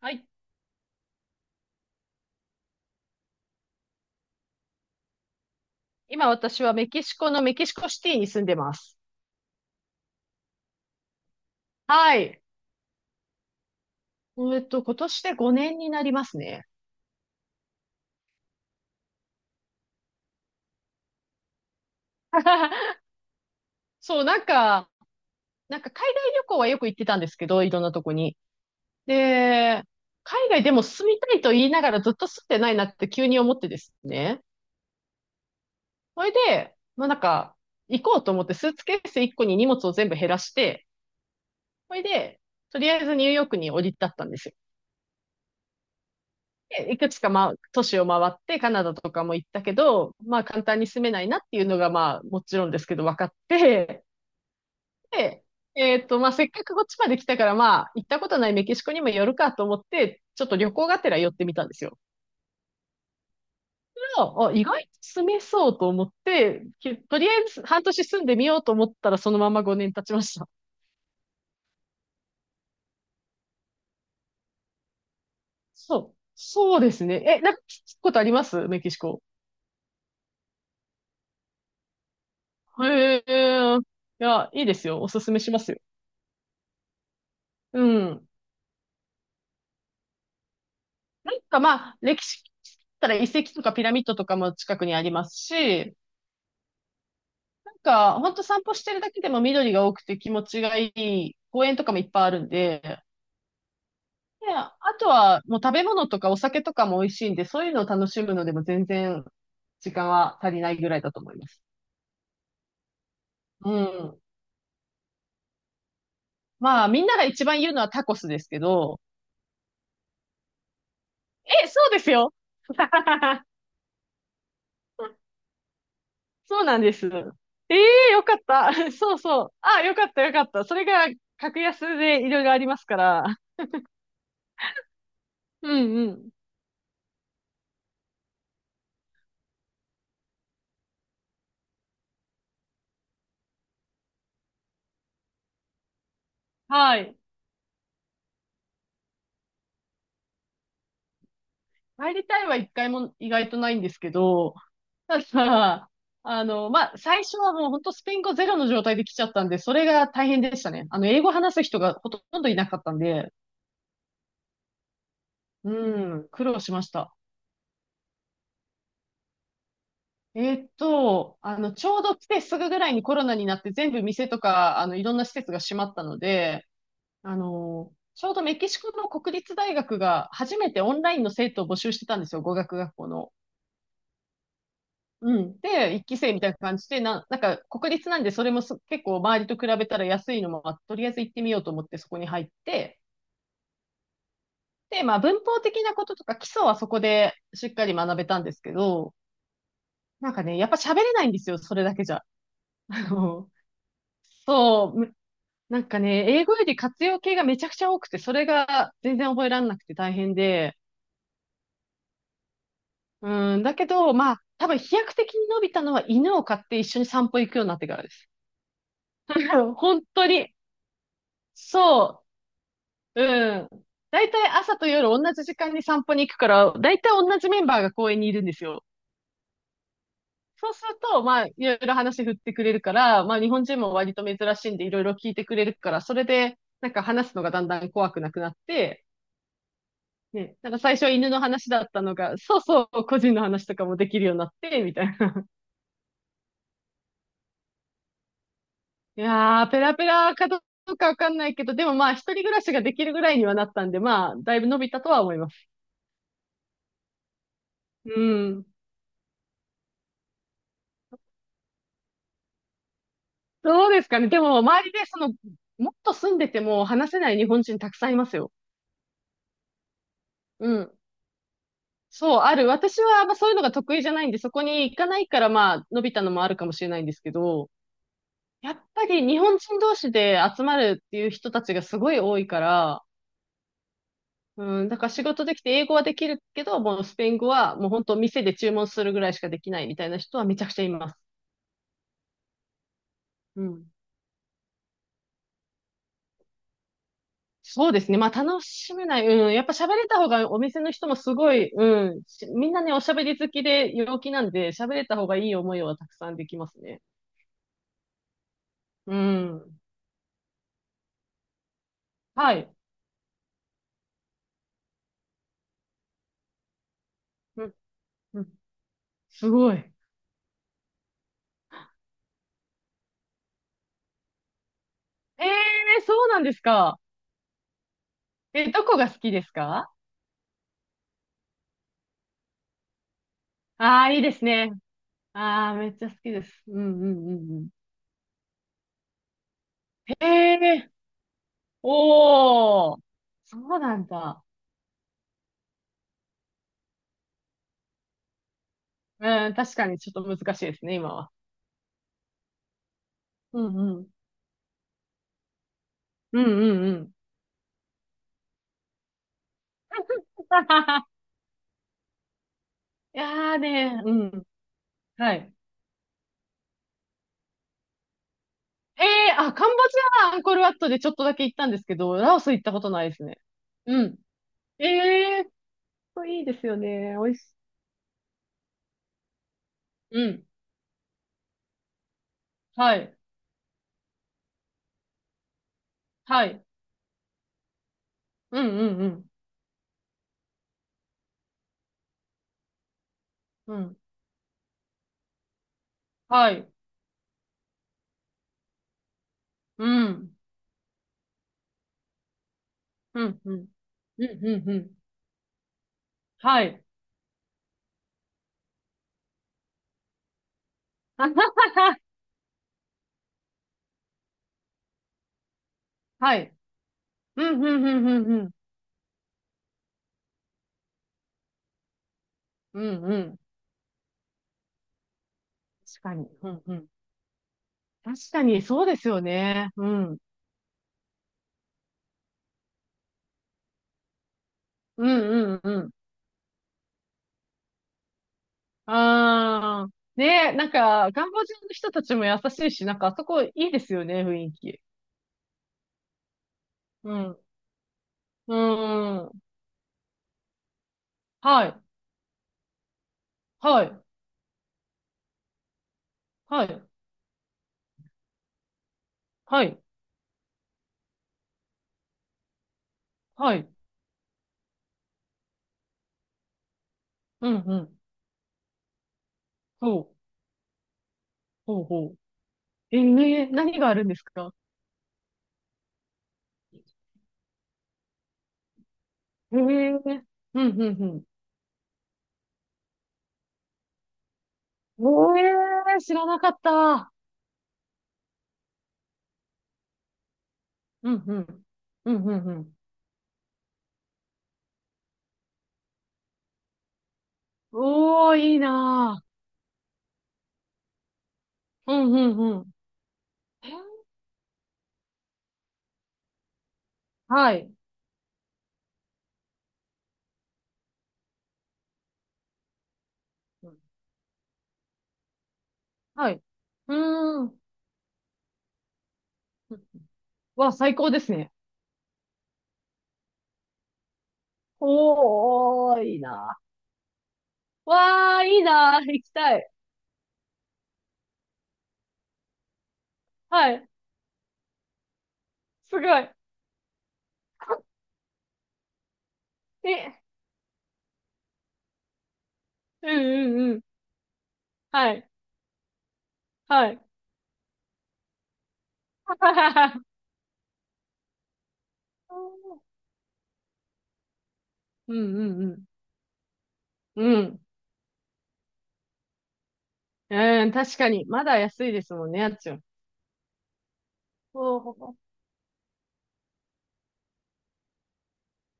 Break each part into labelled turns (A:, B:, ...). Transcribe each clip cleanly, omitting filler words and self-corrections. A: はい。今私はメキシコのメキシコシティに住んでます。はい。今年で5年になりますね。そう、なんか、海外旅行はよく行ってたんですけど、いろんなとこに。で、海外でも住みたいと言いながらずっと住んでないなって急に思ってですね。それで、まあなんか、行こうと思ってスーツケース1個に荷物を全部減らして、それで、とりあえずニューヨークに降り立ったんですよ。でいくつか、まあ、都市を回って、カナダとかも行ったけど、まあ、簡単に住めないなっていうのが、まあ、もちろんですけど、分かって、で、まあ、せっかくこっちまで来たから、まあ、行ったことないメキシコにも寄るかと思って、ちょっと旅行がてら寄ってみたんですよ。そあ、あ意外と住めそうと思って、とりあえず半年住んでみようと思ったら、そのまま5年経ちました。そう。そうですね。え、なんか聞くことありますメキシコ？へえ。いや、いいですよ。おすすめしますよ。うん。なんかまあ、歴史だったら遺跡とかピラミッドとかも近くにありますし、なんか本当散歩してるだけでも緑が多くて気持ちがいい公園とかもいっぱいあるんで、で、あとはもう食べ物とかお酒とかも美味しいんで、そういうのを楽しむのでも全然時間は足りないぐらいだと思います。うん。まあみんなが一番言うのはタコスですけど、え、そうですよ。そうなんです。ええよかった。そうそう。あ、よかった、よかった。それが格安でいろいろありますから。うんうん。はい。入りたいは一回も意外とないんですけど、ただ、まあ、最初はもう本当スペイン語ゼロの状態で来ちゃったんで、それが大変でしたね。あの、英語話す人がほとんどいなかったんで、うん、苦労しました。ちょうど来てすぐぐらいにコロナになって全部店とか、あの、いろんな施設が閉まったので、あの、ちょうどメキシコの国立大学が初めてオンラインの生徒を募集してたんですよ、語学学校の。うん。で、一期生みたいな感じで、なんか国立なんでそれも結構周りと比べたら安いのもあって、とりあえず行ってみようと思ってそこに入って、で、まあ文法的なこととか基礎はそこでしっかり学べたんですけど、なんかね、やっぱ喋れないんですよ、それだけじゃ。あの、そう、なんかね、英語より活用形がめちゃくちゃ多くて、それが全然覚えられなくて大変で、うん、だけど、まあ、多分飛躍的に伸びたのは犬を飼って一緒に散歩行くようになってからです。本当に。そう。うん。だいたい朝と夜同じ時間に散歩に行くから、だいたい同じメンバーが公園にいるんですよ。そうすると、まあ、いろいろ話振ってくれるから、まあ、日本人も割と珍しいんで、いろいろ聞いてくれるから、それで、なんか話すのがだんだん怖くなくなって、ね、なんか最初は犬の話だったのが、そうそう、個人の話とかもできるようになって、みたいな。いやー、ペラペラかどうかわかんないけど、でもまあ、一人暮らしができるぐらいにはなったんで、まあ、だいぶ伸びたとは思います。うん。どうですかね。でも、周りで、その、もっと住んでても話せない日本人たくさんいますよ。うん。そう、ある。私は、まあ、そういうのが得意じゃないんで、そこに行かないから、まあ、伸びたのもあるかもしれないんですけど、やっぱり日本人同士で集まるっていう人たちがすごい多いから、うん、だから仕事できて英語はできるけど、もうスペイン語はもう本当店で注文するぐらいしかできないみたいな人はめちゃくちゃいます。うん。そうですね。まあ楽しめない。うん。やっぱ喋れた方がお店の人もすごい、うん。みんなね、おしゃべり好きで陽気なんで、喋れた方がいい思いはたくさんできますね。うん。はい。うん。うんすごい。ええーそうなんですか。え、どこが好きですか？ああー、いいですね。ああ、めっちゃ好きです。うんうんうんうん。へえおー、そうなんだ。うん、確かにちょっと難しいですね、今は。うんうん。うんうんうん。いやーね、うん。はい。えあ、カンボジアはアンコールワットでちょっとだけ行ったんですけど、ラオス行ったことないですね。うん。ええー、いいですよね。美味しい。うん。はい。はい。うんうんうん。うん。はい。うん。うん。うん。うん。うん。うんはい。はい。うん。うん。うん。うん。うん。うん。うん。確かに。うんうん。確かに、そうですよね。うん。うんうんうん。あー。ねえ、なんか、カンボジアの人たちも優しいし、なんか、あそこいいですよね、雰囲気。うん。うん。はい。はい。はい。はい。はい。うんうん。ほう。ほうほう。えねえ何があるんですか？ええうんうんうん。ええ知らなかった。うんうん。うんうんうん。おー、いいなぁ。うんうんうん。はい。うんはい。うーん。わ、最高ですね。おー、いいな。わー、いいなー。行きたい。はい。すごい。え、うんうんうん。はい。はい。うんうんうん。うん。うん、確かに。まだ安いですもんね、あっちは。おー、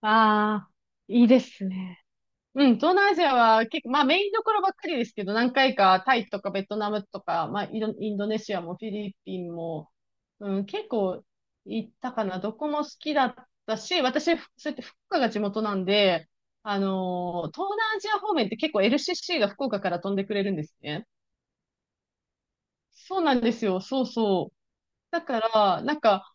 A: ああ、いいですね。うん、東南アジアは結構、まあメインどころばっかりですけど、何回かタイとかベトナムとか、まあインド、インドネシアもフィリピンも、うん、結構行ったかな。どこも好きだったし、私、そうやって福岡が地元なんで、あのー東南アジア方面って結構 LCC が福岡から飛んでくれるんですね。そうなんですよ。そうそう。だから、なんか、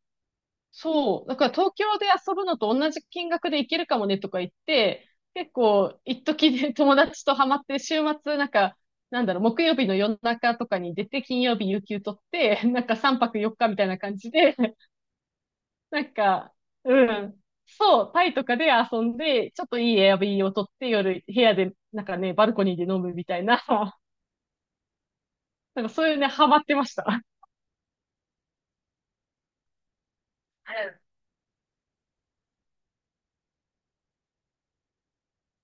A: そう。だから東京で遊ぶのと同じ金額で行けるかもねとか言って、結構、一時で友達とハマって、週末、なんか、なんだろう、木曜日の夜中とかに出て、金曜日有給取って、なんか3泊4日みたいな感じで、なんか、うん。そう、タイとかで遊んで、ちょっといいエアビーを取って、夜、部屋で、なんかね、バルコニーで飲むみたいな、なんかそういうね、ハマってました。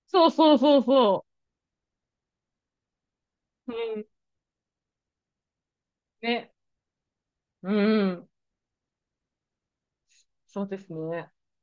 A: そうそうそうそう。うん。ね。うん。そうですね。